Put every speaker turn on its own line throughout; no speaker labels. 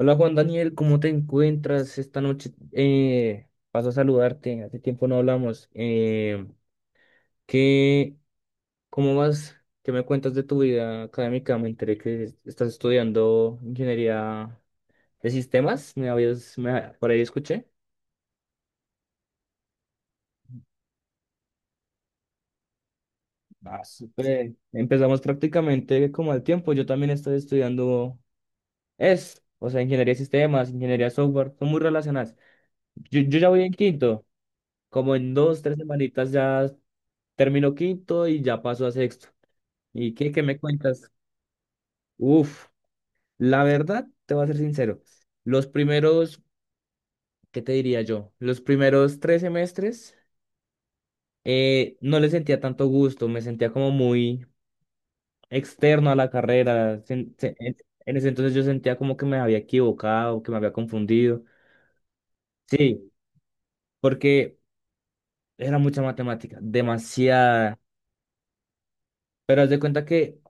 Hola Juan Daniel, ¿cómo te encuentras esta noche? Paso a saludarte, hace tiempo no hablamos. ¿Qué, ¿Cómo vas? ¿Qué me cuentas de tu vida académica? Me enteré que estás estudiando ingeniería de sistemas, por ahí escuché. Ah, súper. Empezamos prácticamente como al tiempo, yo también estoy estudiando ES, o sea, ingeniería de sistemas, ingeniería de software, son muy relacionadas. Yo ya voy en quinto, como en dos, tres semanitas ya terminó quinto y ya pasó a sexto. ¿Y qué me cuentas? Uf, la verdad, te voy a ser sincero. Los primeros, ¿qué te diría yo? Los primeros tres semestres no le sentía tanto gusto, me sentía como muy externo a la carrera. En ese entonces yo sentía como que me había equivocado, que me había confundido. Sí, porque era mucha matemática, demasiada. Pero haz de cuenta que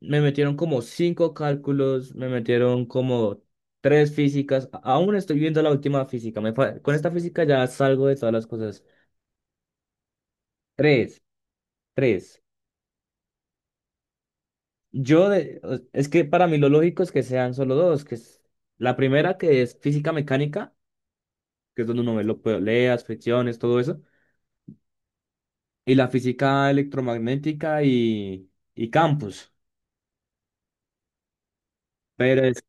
me metieron como cinco cálculos, me metieron como tres físicas. Aún estoy viendo la última física. Con esta física ya salgo de todas las cosas. Tres, tres. Yo, es que para mí lo lógico es que sean solo dos, que es la primera que es física mecánica, que es donde uno ve lo poleas, fricciones, todo eso, y la física electromagnética y campos. Pero es,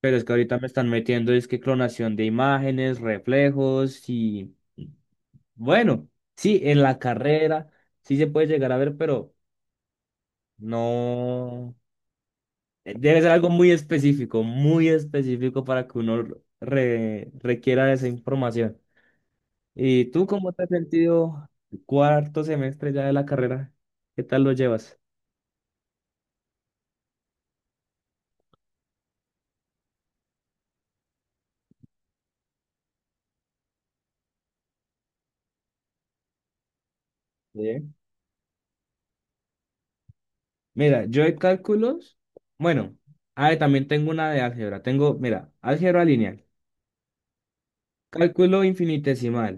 pero es que ahorita me están metiendo, es que clonación de imágenes, reflejos y... Bueno, sí, en la carrera sí se puede llegar a ver, pero no. Debe ser algo muy específico para que uno requiera esa información. ¿Y tú cómo te has sentido el cuarto semestre ya de la carrera? ¿Qué tal lo llevas? Bien. Mira, yo de cálculos, bueno, ah, y también tengo una de álgebra. Tengo, mira, álgebra lineal, cálculo infinitesimal,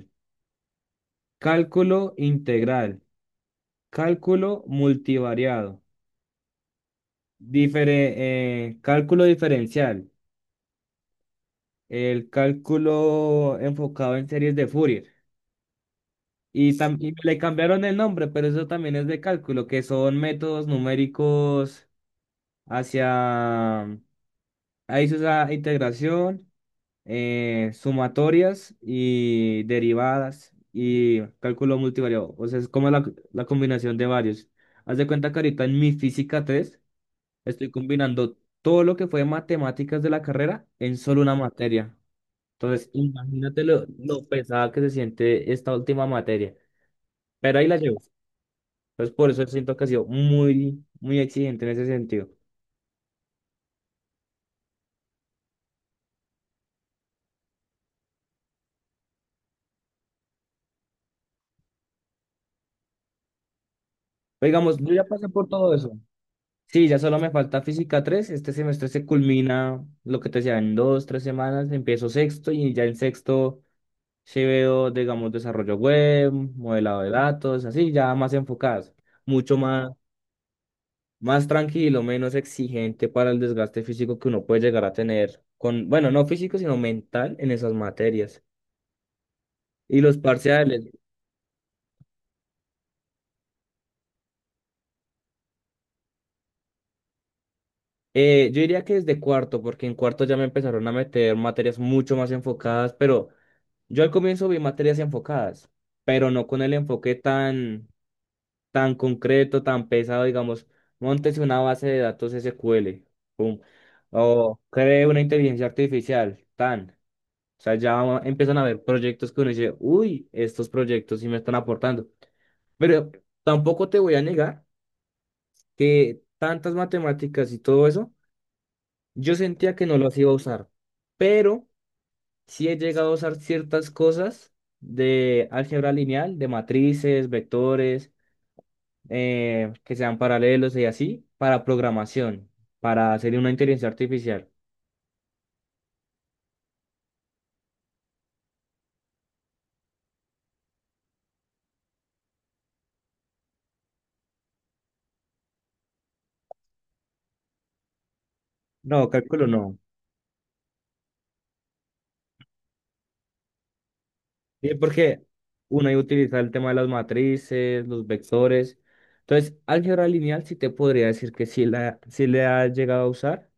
cálculo integral, cálculo multivariado. Difere- cálculo diferencial, el cálculo enfocado en series de Fourier. Y, y le cambiaron el nombre, pero eso también es de cálculo, que son métodos numéricos hacia... Ahí se usa integración, sumatorias y derivadas y cálculo multivariado. O sea, es como la combinación de varios. Haz de cuenta que ahorita en mi física 3 estoy combinando todo lo que fue matemáticas de la carrera en solo una materia. Entonces, imagínate lo pesada que se siente esta última materia. Pero ahí la llevo. Entonces, por eso siento que ha sido muy, muy exigente en ese sentido. Pero digamos, yo ya pasé por todo eso. Sí, ya solo me falta física tres. Este semestre se culmina lo que te decía en dos, tres semanas. Empiezo sexto y ya en sexto se veo, digamos, desarrollo web, modelado de datos, así, ya más enfocadas, mucho más, más tranquilo, menos exigente para el desgaste físico que uno puede llegar a tener con, bueno, no físico, sino mental en esas materias. Y los parciales, yo diría que desde cuarto, porque en cuarto ya me empezaron a meter materias mucho más enfocadas, pero yo al comienzo vi materias enfocadas, pero no con el enfoque tan, tan concreto, tan pesado, digamos, móntese una base de datos SQL, pum, o cree una inteligencia artificial, tan. O sea, ya empiezan a haber proyectos que uno dice, uy, estos proyectos sí me están aportando. Pero tampoco te voy a negar que tantas matemáticas y todo eso, yo sentía que no las iba a usar. Pero sí he llegado a usar ciertas cosas de álgebra lineal, de matrices, vectores, que sean paralelos y así, para programación, para hacer una inteligencia artificial. No, cálculo no. Sí, porque uno ahí utiliza el tema de las matrices, los vectores. Entonces, álgebra lineal sí te podría decir que sí, sí le ha llegado a usar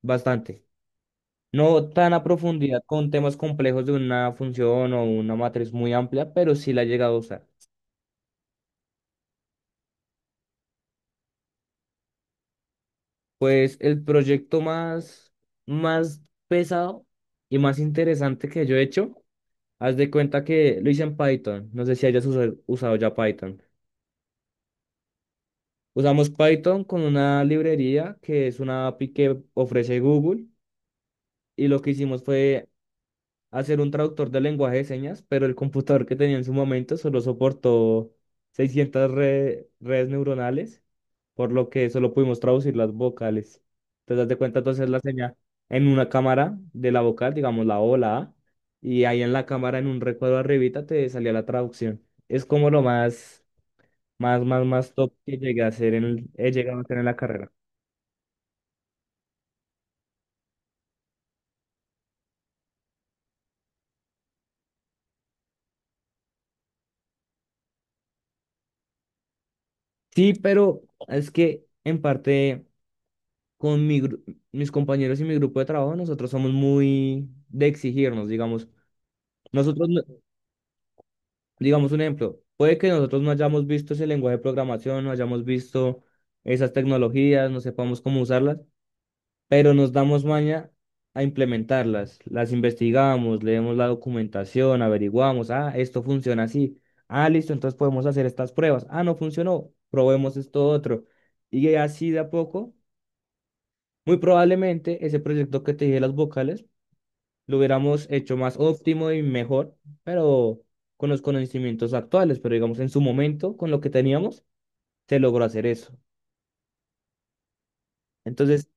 bastante. No tan a profundidad con temas complejos de una función o una matriz muy amplia, pero sí la ha llegado a usar. Pues el proyecto más, más pesado y más interesante que yo he hecho, haz de cuenta que lo hice en Python. No sé si hayas usado ya Python. Usamos Python con una librería que es una API que ofrece Google y lo que hicimos fue hacer un traductor de lenguaje de señas, pero el computador que tenía en su momento solo soportó 600 redes neuronales, por lo que solo pudimos traducir las vocales. Entonces, haz de cuenta, entonces la señal en una cámara de la vocal, digamos la O, la A, y ahí en la cámara, en un recuadro arribita, te salía la traducción. Es como lo más, más, más, más top que llegué a hacer en, he llegado a hacer en la carrera. Sí, pero es que en parte con mis compañeros y mi grupo de trabajo, nosotros somos muy de exigirnos, digamos. Nosotros, no- digamos un ejemplo, puede que nosotros no hayamos visto ese lenguaje de programación, no hayamos visto esas tecnologías, no sepamos cómo usarlas, pero nos damos maña a implementarlas. Las investigamos, leemos la documentación, averiguamos, ah, esto funciona así. Ah, listo, entonces podemos hacer estas pruebas. Ah, no funcionó, probemos esto otro. Y así de a poco muy probablemente ese proyecto que te dije de las vocales lo hubiéramos hecho más óptimo y mejor, pero con los conocimientos actuales, pero digamos en su momento, con lo que teníamos, se logró hacer eso. Entonces,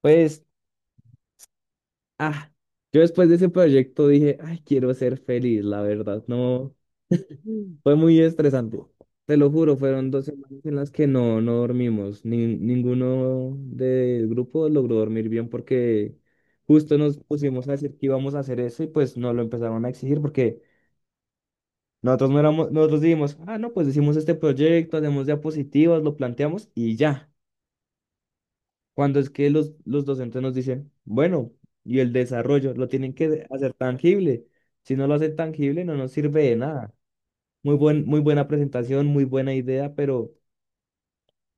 pues, ah, yo después de ese proyecto dije, ay, quiero ser feliz, la verdad, no, fue muy estresante. Te lo juro, fueron dos semanas en las que no dormimos. Ninguno del grupo logró dormir bien porque justo nos pusimos a decir que íbamos a hacer eso y pues nos lo empezaron a exigir porque nosotros no éramos, nosotros dijimos, ah, no, pues hicimos este proyecto, hacemos diapositivas, lo planteamos y ya. Cuando es que los docentes nos dicen, bueno, y el desarrollo lo tienen que hacer tangible. Si no lo hacen tangible, no nos sirve de nada. Muy buena presentación, muy buena idea, pero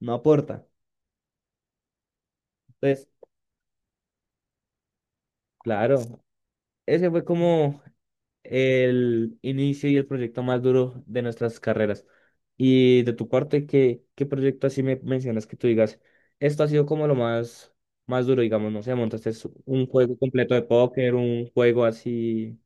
no aporta. Entonces, claro, ese fue como el inicio y el proyecto más duro de nuestras carreras. Y de tu parte, qué proyecto así me mencionas que tú digas? Esto ha sido como lo más, más duro, digamos, no sé, montaste un juego completo de póker, un juego así.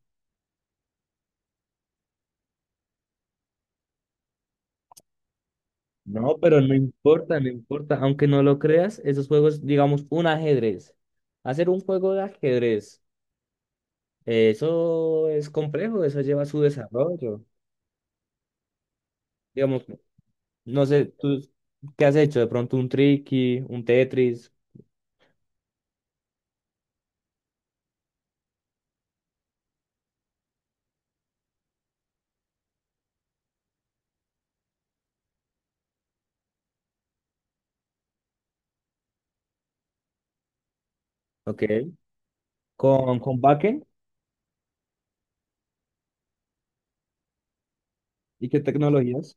No, pero no importa, no importa. Aunque no lo creas, esos juegos, digamos, un ajedrez. Hacer un juego de ajedrez. Eso es complejo, eso lleva su desarrollo. Digamos, no sé, tú qué has hecho, de pronto un Tricky, un Tetris, ok, con backend y qué tecnologías,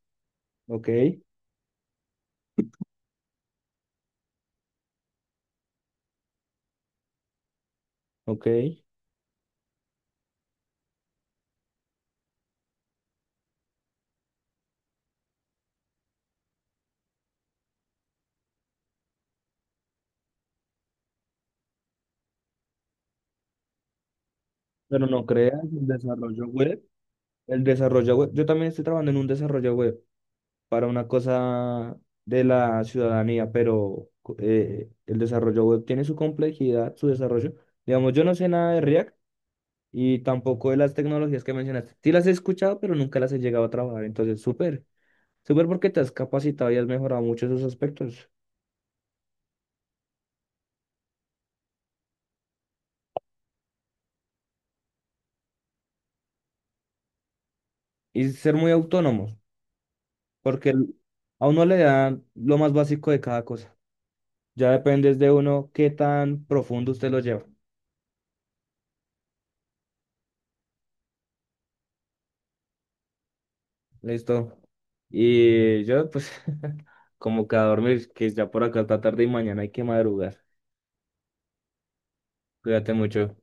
ok, ok, pero no creas el desarrollo web. El desarrollo web, yo también estoy trabajando en un desarrollo web para una cosa de la ciudadanía, pero el desarrollo web tiene su complejidad, su desarrollo. Digamos, yo no sé nada de React y tampoco de las tecnologías que mencionaste. Sí las he escuchado, pero nunca las he llegado a trabajar. Entonces, súper, súper porque te has capacitado y has mejorado mucho esos aspectos. Y ser muy autónomos, porque a uno le dan lo más básico de cada cosa. Ya depende de uno qué tan profundo usted lo lleva. Listo. Y yo, pues, como que a dormir, que ya por acá está tarde y mañana hay que madrugar. Cuídate mucho.